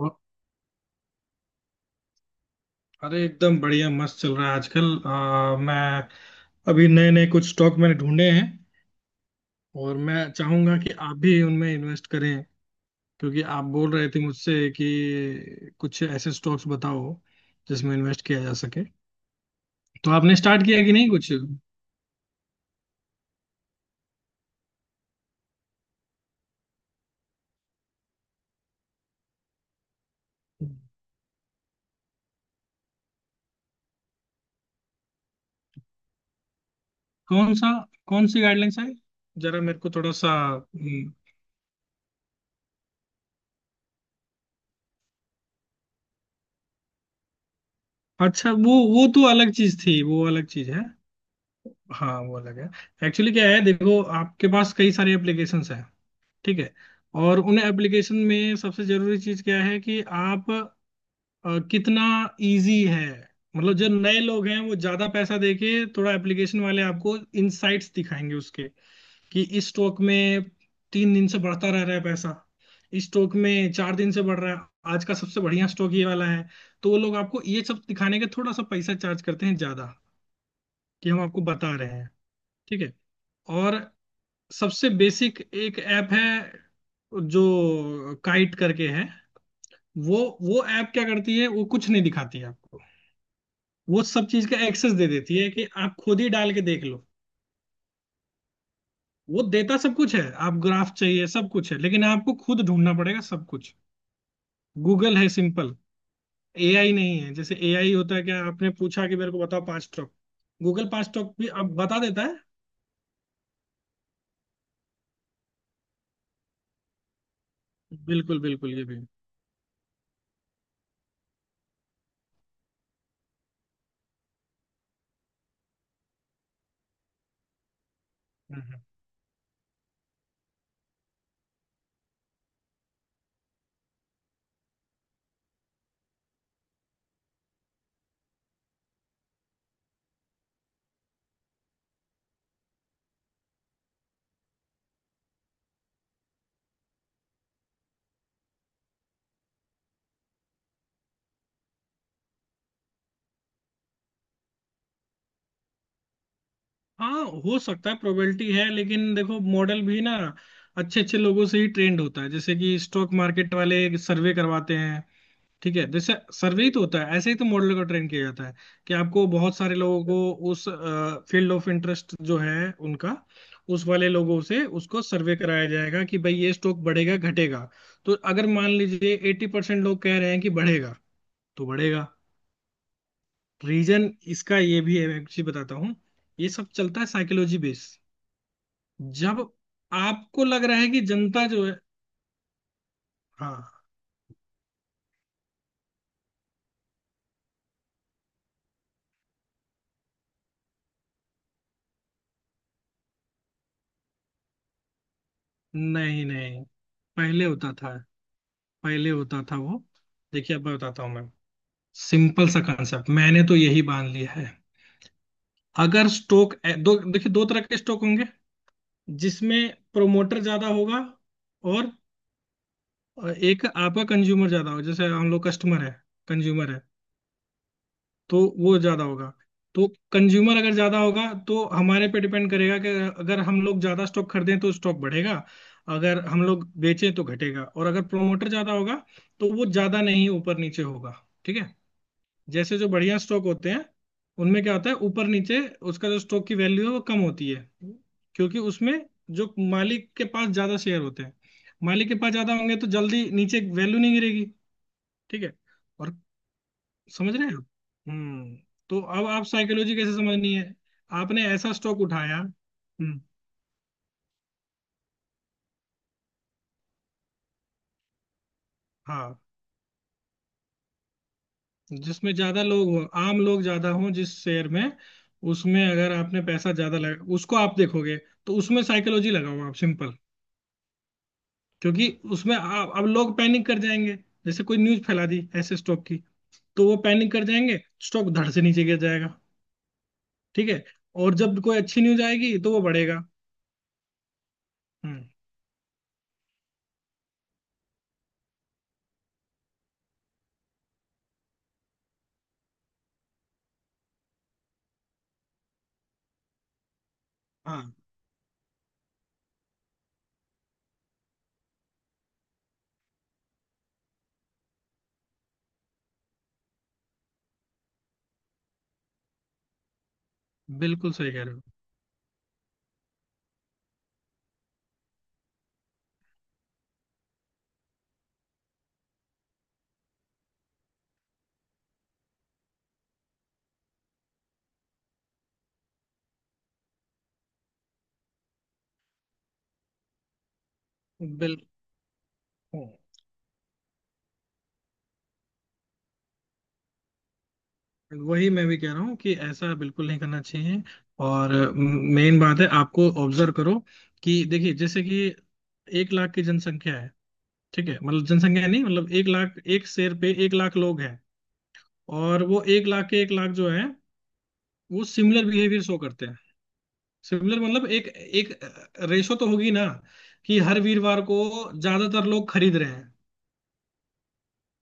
और- अरे एकदम बढ़िया मस्त चल रहा है आजकल। मैं अभी नए नए कुछ स्टॉक मैंने ढूंढे हैं और मैं चाहूंगा कि आप भी उनमें इन्वेस्ट करें, क्योंकि आप बोल रहे थे मुझसे कि कुछ ऐसे स्टॉक्स बताओ जिसमें इन्वेस्ट किया जा सके। तो आपने स्टार्ट किया कि नहीं कुछ? कौन सा? कौन सी गाइडलाइंस है? जरा मेरे को थोड़ा सा अच्छा, वो तो अलग चीज थी, वो अलग चीज है। हाँ वो अलग है। एक्चुअली क्या है, देखो आपके पास कई सारी एप्लीकेशंस है। ठीक है। और उन एप्लीकेशन में सबसे जरूरी चीज क्या है कि आप कितना इजी है। मतलब जो नए लोग हैं वो ज्यादा पैसा देके थोड़ा एप्लीकेशन वाले आपको इनसाइट्स दिखाएंगे उसके, कि इस स्टॉक में 3 दिन से बढ़ता रह रहा है पैसा, इस स्टॉक में 4 दिन से बढ़ रहा है, आज का सबसे बढ़िया स्टॉक ये वाला है। तो वो लोग आपको ये सब दिखाने के थोड़ा सा पैसा चार्ज करते हैं ज्यादा, कि हम आपको बता रहे हैं। ठीक है। और सबसे बेसिक एक ऐप है जो काइट करके है। वो ऐप क्या करती है, वो कुछ नहीं दिखाती है आपको। वो सब चीज का एक्सेस दे देती है कि आप खुद ही डाल के देख लो। वो देता सब कुछ है, आप ग्राफ चाहिए सब कुछ है, लेकिन आपको खुद ढूंढना पड़ेगा सब कुछ। गूगल है सिंपल, एआई नहीं है। जैसे एआई होता है क्या आपने पूछा कि मेरे को बताओ पांच टॉप, गूगल पांच टॉप भी अब बता देता है। बिल्कुल बिल्कुल, ये भी। हाँ हो सकता है, प्रोबेबिलिटी है, लेकिन देखो मॉडल भी ना अच्छे अच्छे लोगों से ही ट्रेंड होता है। जैसे कि स्टॉक मार्केट वाले सर्वे करवाते हैं। ठीक है, जैसे सर्वे ही तो होता है, ऐसे ही तो मॉडल का ट्रेंड किया जाता है कि आपको बहुत सारे लोगों को उस फील्ड ऑफ इंटरेस्ट जो है उनका, उस वाले लोगों से उसको सर्वे कराया जाएगा कि भाई ये स्टॉक बढ़ेगा घटेगा। तो अगर मान लीजिए 80% लोग कह रहे हैं कि बढ़ेगा तो बढ़ेगा। रीजन इसका ये भी है, मैं एक चीज बताता हूँ। ये सब चलता है साइकोलॉजी बेस। जब आपको लग रहा है कि जनता जो है, हाँ, नहीं नहीं, पहले होता था पहले होता था वो, देखिए अब मैं बताता हूँ। मैं सिंपल सा कंसेप्ट मैंने तो यही बांध लिया है। अगर स्टॉक, दो देखिए दो तरह के स्टॉक होंगे। जिसमें प्रोमोटर ज्यादा होगा और एक आपका कंज्यूमर ज्यादा होगा। जैसे हम लोग कस्टमर है, कंज्यूमर है, तो वो ज्यादा होगा। तो कंज्यूमर अगर ज्यादा होगा तो हमारे पे डिपेंड करेगा कि अगर हम लोग ज्यादा स्टॉक खरीदें तो स्टॉक बढ़ेगा, अगर हम लोग बेचें तो घटेगा। और अगर प्रोमोटर ज्यादा होगा तो वो ज्यादा नहीं ऊपर नीचे होगा। ठीक है। जैसे जो बढ़िया स्टॉक होते हैं उनमें क्या होता है ऊपर नीचे, उसका जो स्टॉक की वैल्यू है वो कम होती है, क्योंकि उसमें जो मालिक के पास ज्यादा शेयर होते हैं, मालिक के पास ज्यादा होंगे तो जल्दी नीचे वैल्यू नहीं गिरेगी। ठीक है। और समझ रहे हैं आप? हम्म। तो अब आप साइकोलॉजी कैसे समझनी है, आपने ऐसा स्टॉक उठाया। हम्म। हाँ, जिसमें ज्यादा लोग हो, आम लोग ज्यादा हो जिस शेयर में, उसमें अगर आपने पैसा ज्यादा लगा उसको आप देखोगे, तो उसमें साइकोलॉजी लगाओ आप सिंपल। क्योंकि उसमें अब लोग पैनिक कर जाएंगे, जैसे कोई न्यूज फैला दी ऐसे स्टॉक की, तो वो पैनिक कर जाएंगे, स्टॉक धड़ से नीचे गिर जाएगा। ठीक है। और जब कोई अच्छी न्यूज आएगी तो वो बढ़ेगा। हम्म। हाँ, बिल्कुल सही कह रहे हो, बिल्कुल। हाँ। वही मैं भी कह रहा हूँ कि ऐसा बिल्कुल नहीं करना चाहिए। और मेन बात है आपको ऑब्जर्व करो, कि देखिए जैसे कि 1 लाख की जनसंख्या है। ठीक है, मतलब जनसंख्या नहीं, मतलब 1 लाख, एक शेर पे 1 लाख लोग हैं। और वो 1 लाख के 1 लाख जो है वो सिमिलर बिहेवियर शो करते हैं। सिमिलर मतलब एक एक रेशो तो होगी ना, कि हर वीरवार को ज्यादातर लोग खरीद रहे हैं,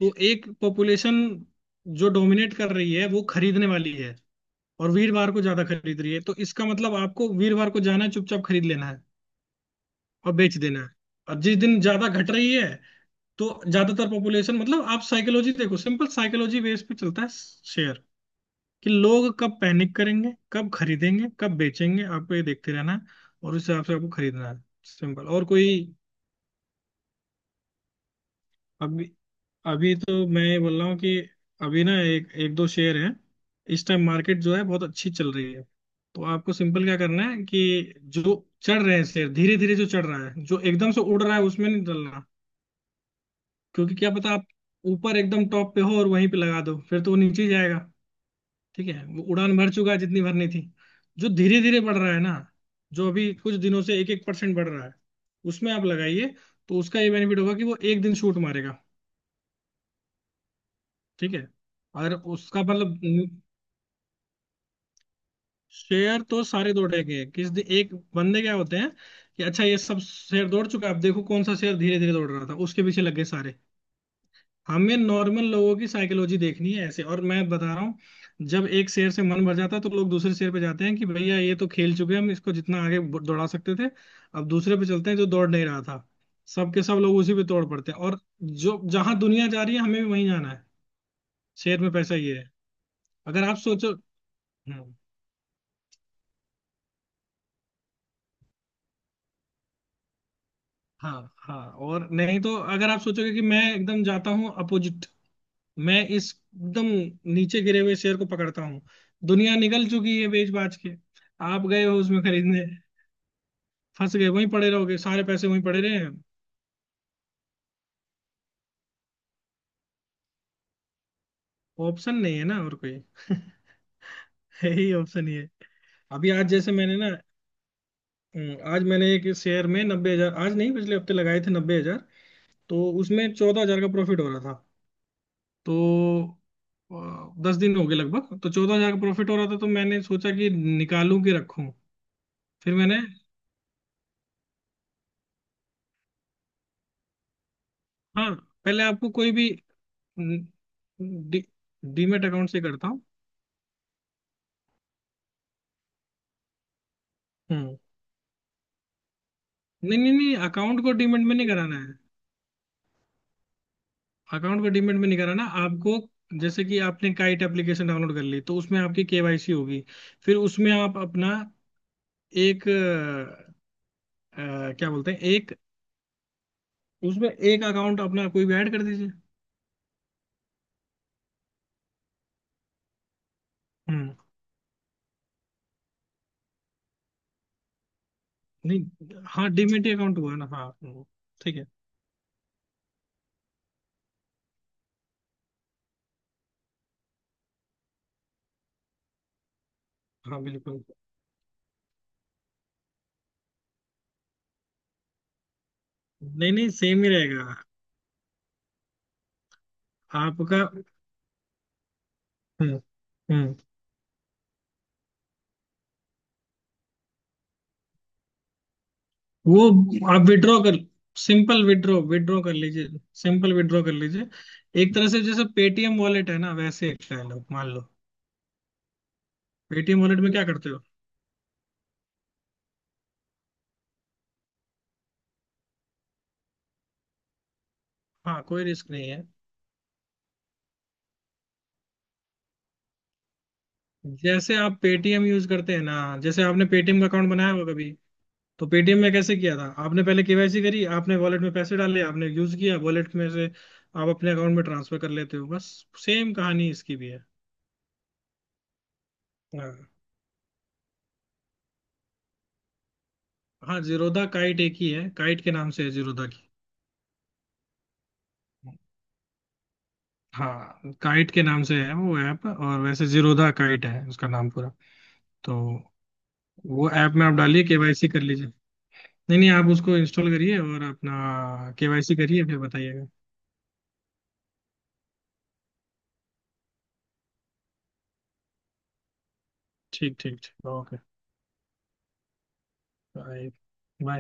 तो एक पॉपुलेशन जो डोमिनेट कर रही है वो खरीदने वाली है और वीरवार को ज्यादा खरीद रही है, तो इसका मतलब आपको वीरवार को जाना है चुपचाप, खरीद लेना है और बेच देना है। और जिस दिन ज्यादा घट रही है तो ज्यादातर पॉपुलेशन, मतलब आप साइकोलॉजी देखो, सिंपल साइकोलॉजी बेस पे चलता है शेयर, कि लोग कब पैनिक करेंगे, कब खरीदेंगे, कब बेचेंगे, आपको ये देखते रहना है और उस हिसाब से आपको खरीदना है। सिंपल और कोई। अब अभी तो मैं ये बोल रहा हूँ कि अभी ना एक एक दो शेयर हैं, इस टाइम मार्केट जो है बहुत अच्छी चल रही है। तो आपको सिंपल क्या करना है कि जो चढ़ रहे हैं शेयर धीरे धीरे, जो चढ़ रहा है जो एकदम से उड़ रहा है उसमें नहीं डलना। क्योंकि क्या पता आप ऊपर एकदम टॉप पे हो और वहीं पे लगा दो फिर तो वो नीचे ही जाएगा। ठीक है, वो उड़ान भर चुका है जितनी भरनी थी। जो धीरे धीरे बढ़ रहा है ना, जो अभी कुछ दिनों से 1-1% बढ़ रहा है, उसमें आप लगाइए। तो उसका ये बेनिफिट होगा कि वो एक दिन शूट मारेगा। ठीक है। और उसका मतलब, शेयर तो सारे दौड़ेंगे, किस दिन एक बंदे क्या होते हैं कि अच्छा ये सब शेयर दौड़ चुका है, अब देखो कौन सा शेयर धीरे धीरे दौड़ रहा था, उसके पीछे लग गए सारे। हमें नॉर्मल लोगों की साइकोलॉजी देखनी है ऐसे, और मैं बता रहा हूँ जब एक शेयर से मन भर जाता है तो लोग दूसरे शेयर पे जाते हैं कि भैया ये तो खेल चुके हैं, हम इसको जितना आगे दौड़ा सकते थे, अब दूसरे पे चलते हैं जो दौड़ नहीं रहा था। सबके सब लोग उसी पे दौड़ पड़ते हैं, और जो जहां दुनिया जा रही है हमें भी वहीं जाना है। शेयर में पैसा ये है, अगर आप सोचो। हम्म। हाँ हाँ, और नहीं तो अगर आप सोचोगे कि मैं एकदम जाता हूँ अपोजिट, मैं इस एकदम नीचे गिरे हुए शेयर को पकड़ता हूँ, दुनिया निकल चुकी है बेच बाच के, आप गए हो उसमें खरीदने, फंस गए वहीं पड़े रहोगे, सारे पैसे वहीं पड़े रहे हैं। ऑप्शन नहीं है ना और कोई यही ऑप्शन ही है। अभी आज जैसे मैंने ना, आज मैंने एक शेयर में 90,000, आज नहीं पिछले हफ्ते लगाए थे 90,000, तो उसमें 14,000 का प्रॉफिट हो रहा था। तो 10 दिन हो गए लगभग, तो 14,000 का प्रॉफिट हो रहा था तो मैंने सोचा कि निकालूं कि रखूं। फिर मैंने, हाँ, पहले आपको कोई भी न, डी, डीमेट अकाउंट से करता हूँ। हम्म। नहीं नहीं नहीं, अकाउंट को डीमेट में नहीं कराना है, अकाउंट को डीमेट में नहीं कराना आपको। जैसे कि आपने काइट एप्लीकेशन डाउनलोड कर ली तो उसमें आपकी केवाईसी होगी, फिर उसमें आप अपना एक क्या बोलते हैं, एक उसमें एक अकाउंट अपना कोई भी ऐड कर दीजिए। हम्म, नहीं हाँ डीमेट अकाउंट हुआ ना। हाँ। ठीक है। हाँ बिल्कुल। नहीं नहीं, सेम ही रहेगा आपका। हम्म। हम्म। वो आप विड्रॉ कर, सिंपल विड्रॉ विड्रॉ कर लीजिए, सिंपल विड्रॉ कर लीजिए। एक तरह से जैसे पेटीएम वॉलेट है ना, वैसे एक स्टाइल है मान लो। पेटीएम वॉलेट में क्या करते हो? हाँ, कोई रिस्क नहीं है। जैसे आप पेटीएम यूज करते हैं ना, जैसे आपने पेटीएम का अकाउंट बनाया होगा कभी, तो पेटीएम में कैसे किया था आपने? पहले केवाईसी करी, आपने वॉलेट में पैसे डाले, आपने यूज किया वॉलेट में से आप अपने अकाउंट में ट्रांसफर कर लेते हो बस। सेम कहानी इसकी भी है। हाँ। हाँ जीरोधा काइट एक ही है, काइट के नाम से है जीरोधा की। हाँ काइट के नाम से है वो ऐप, और वैसे जीरोधा काइट है उसका नाम पूरा। तो वो ऐप में आप डालिए, केवाईसी कर लीजिए। नहीं नहीं आप उसको इंस्टॉल करिए और अपना केवाईसी करिए, फिर बताइएगा। ठीक ठीक ठीक, ओके। बाय। बाय।